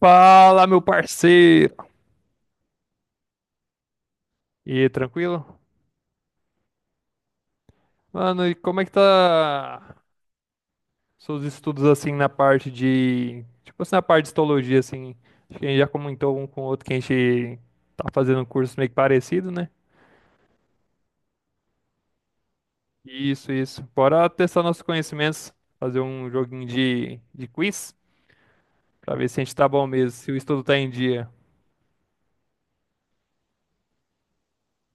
Fala, meu parceiro! E aí, tranquilo? Mano, e como é que tá seus estudos assim na parte de. Tipo assim, na parte de histologia, assim. Acho que a gente já comentou um com o outro que a gente tá fazendo um curso meio que parecido, né? Isso, isso. Bora testar nossos conhecimentos, fazer um joguinho de quiz, pra ver se a gente tá bom mesmo, se o estudo tá em dia.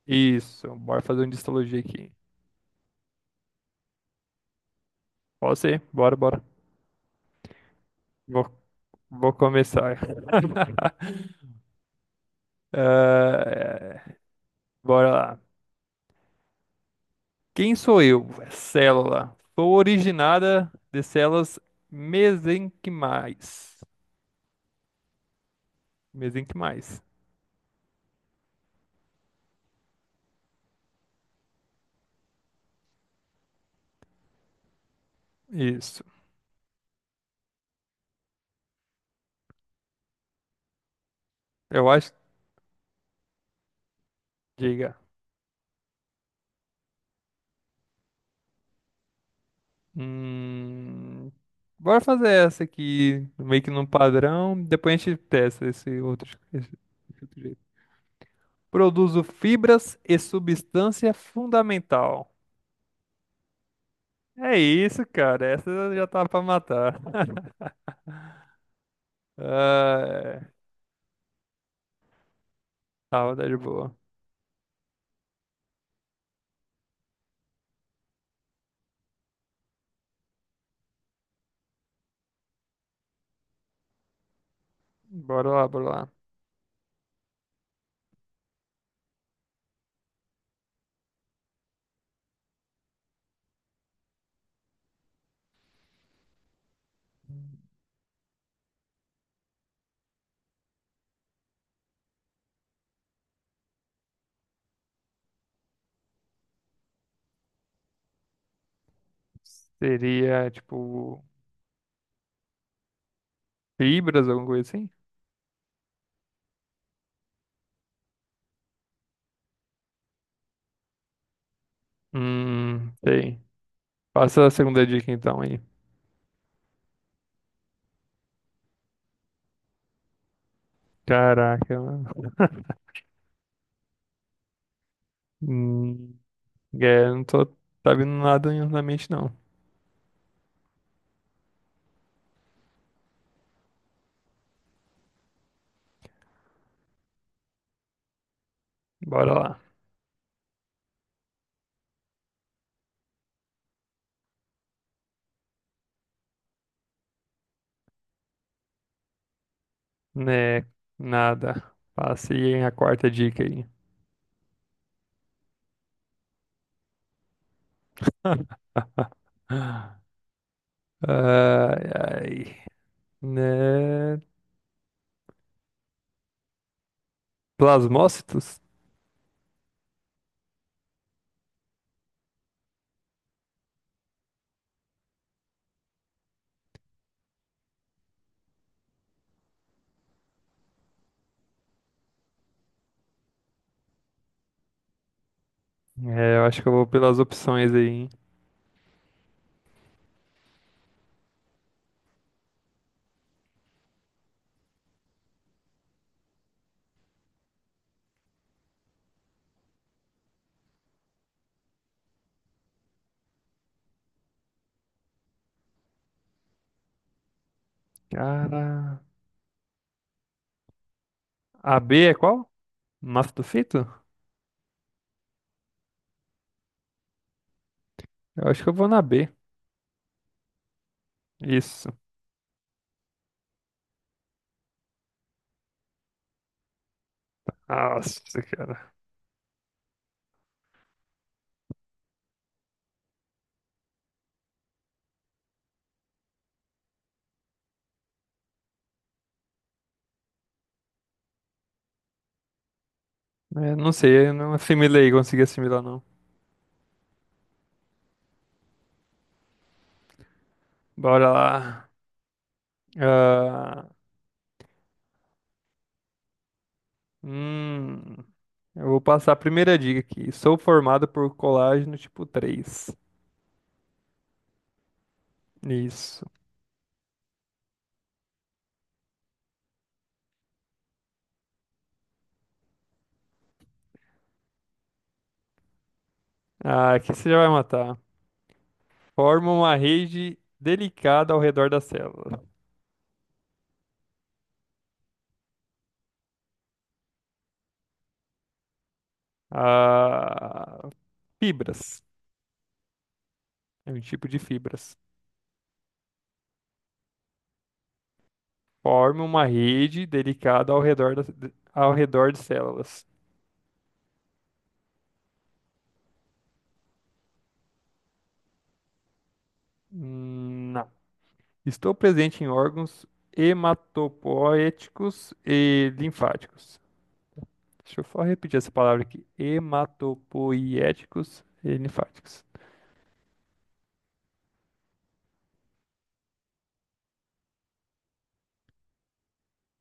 Isso, bora fazer um de histologia aqui. Pode ser, bora, bora. Vou, vou começar. Ah, Bora lá. Quem sou eu? É célula. Sou originada de células mesenquimais. Mesenquimais. Isso. Eu acho. Diga. Hum... Bora fazer essa aqui, meio que num padrão. Depois a gente testa esse outro jeito. Produzo fibras e substância fundamental. É isso, cara. Essa já tá pra matar. Ah, é. Tá, tá de boa. Bora lá, bora lá. Seria, tipo, fibras, alguma coisa assim? Sei. Passa a segunda dica então aí. Caraca, mano. Hum, é, tá vindo nada na mente não. Bora lá. Né, nada. Passei a quarta dica aí. Ai, ai. Né, plasmócitos? É, eu acho que eu vou pelas opções aí, hein. Cara, a B é qual? Mastofito? Eu acho que eu vou na B. Isso. Nossa, cara. É, não sei, eu não assimilei, consegui assimilar, não. Bora lá. Ah, hum, eu vou passar a primeira dica aqui. Sou formado por colágeno tipo 3. Isso. Ah, aqui você já vai matar. Forma uma rede delicada ao redor da célula. Ah, fibras. É um tipo de fibras. Forma uma rede delicada ao redor de células. Não. Estou presente em órgãos hematopoéticos e linfáticos. Deixa eu só repetir essa palavra aqui: hematopoéticos e linfáticos.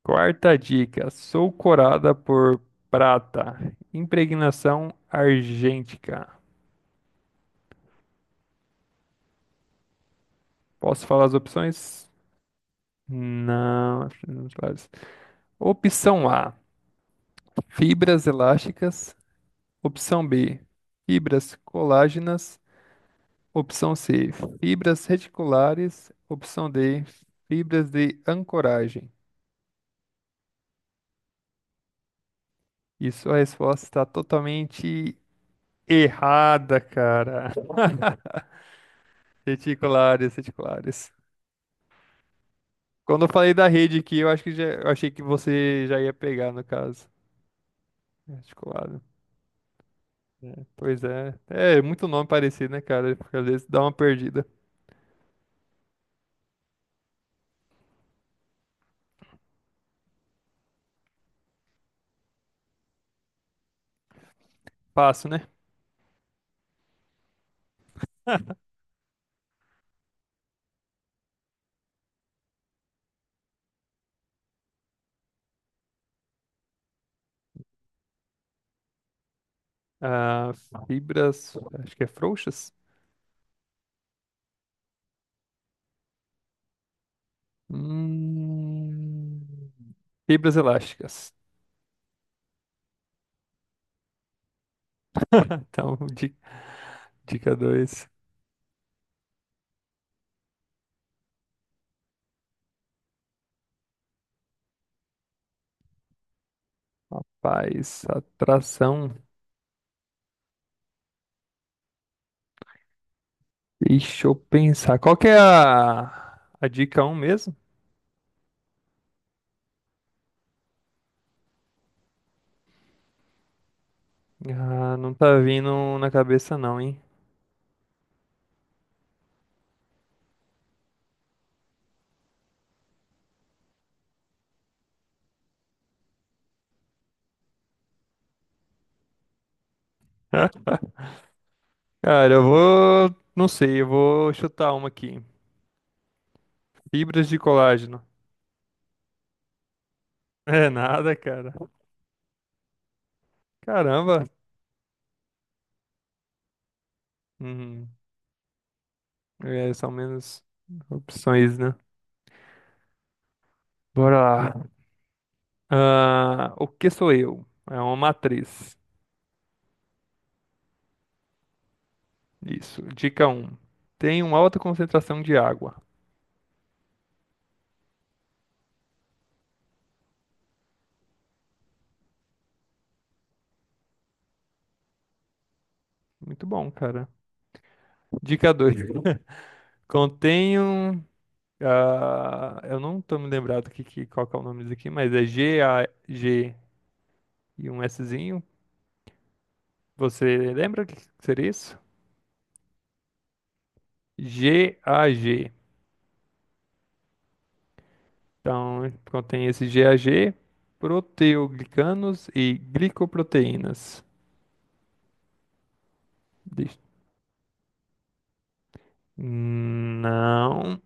Quarta dica: sou corada por prata, impregnação argêntica. Posso falar as opções? Não, acho que não claro. Opção A: fibras elásticas. Opção B: fibras colágenas. Opção C, fibras reticulares. Opção D, fibras de ancoragem. E sua resposta está totalmente errada, cara. Reticulares, reticulares. Quando eu falei da rede aqui, eu acho que já, eu achei que você já ia pegar, no caso. Reticulado. É, pois é. É muito nome parecido, né, cara? Porque às vezes dá uma perdida. Fácil, né? Ah, fibras. Acho que é frouxas? Hum, fibras elásticas. Então, dica dois. Rapaz, atração. Deixa eu pensar. Qual que é a dica um mesmo? Ah, não tá vindo na cabeça não, hein? Cara, eu vou. Não sei, eu vou chutar uma aqui. Fibras de colágeno. É nada, cara. Caramba. Hum, é, são menos opções, né? Bora lá. Ah, o que sou eu? É uma matriz. Isso. Dica um, tem uma alta concentração de água. Muito bom, cara. Dica 2, contém um. Ah, eu não tô me lembrado qual que é o nome disso aqui, mas é G-A-G e um Szinho. Você lembra o que que seria isso? G-A-G. Então, contém esse G-A-G, proteoglicanos e glicoproteínas. Deixa- Não.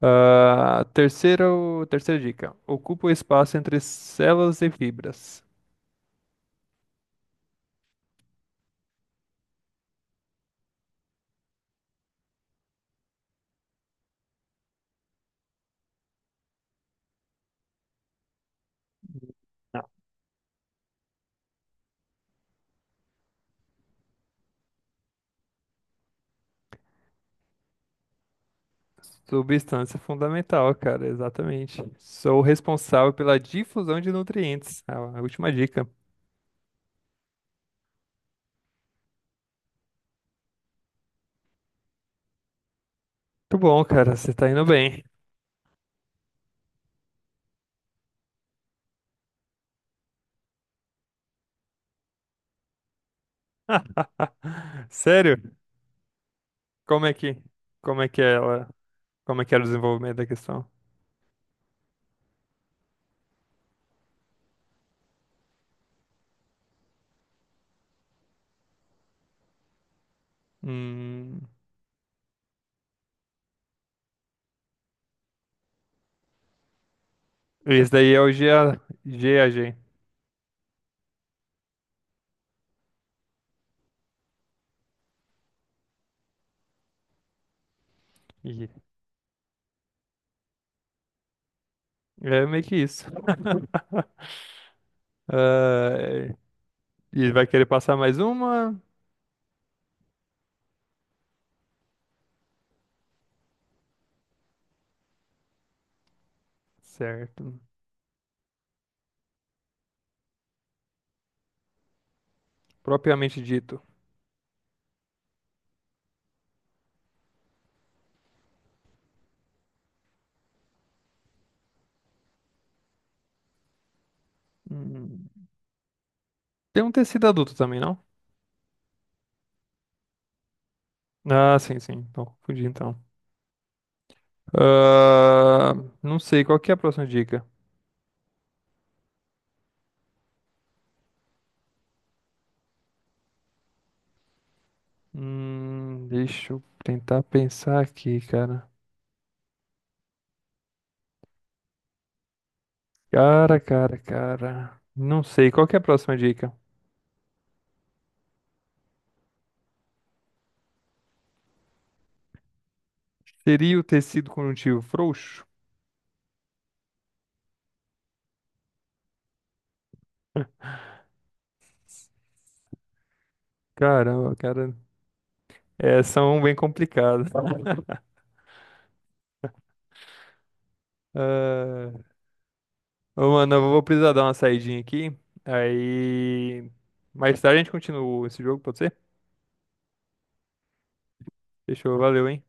Ah, terceira dica. Ocupa o espaço entre células e fibras. Substância fundamental, cara, exatamente. Sou responsável pela difusão de nutrientes. Ah, a última dica. Muito bom, cara, você tá indo bem. Sério? Como é que, como é que ela, como é que era o desenvolvimento da questão? Hum, esse daí é o G G A G A G. Ih, é meio que isso. Ah, e vai querer passar mais uma? Certo. Propriamente dito. Hum, Tem um tecido adulto também, não? Ah, sim, sim. Então, fudi então. Ah, não sei, qual que é a próxima dica? Deixa eu tentar pensar aqui, cara. Cara, cara, cara. Não sei, qual que é a próxima dica? Seria o tecido conjuntivo frouxo? Caramba, cara. É, são bem complicadas. Ah, ô, mano, eu vou precisar dar uma saidinha aqui. Aí. Mais tarde a gente continua esse jogo, pode ser? Fechou, valeu, hein?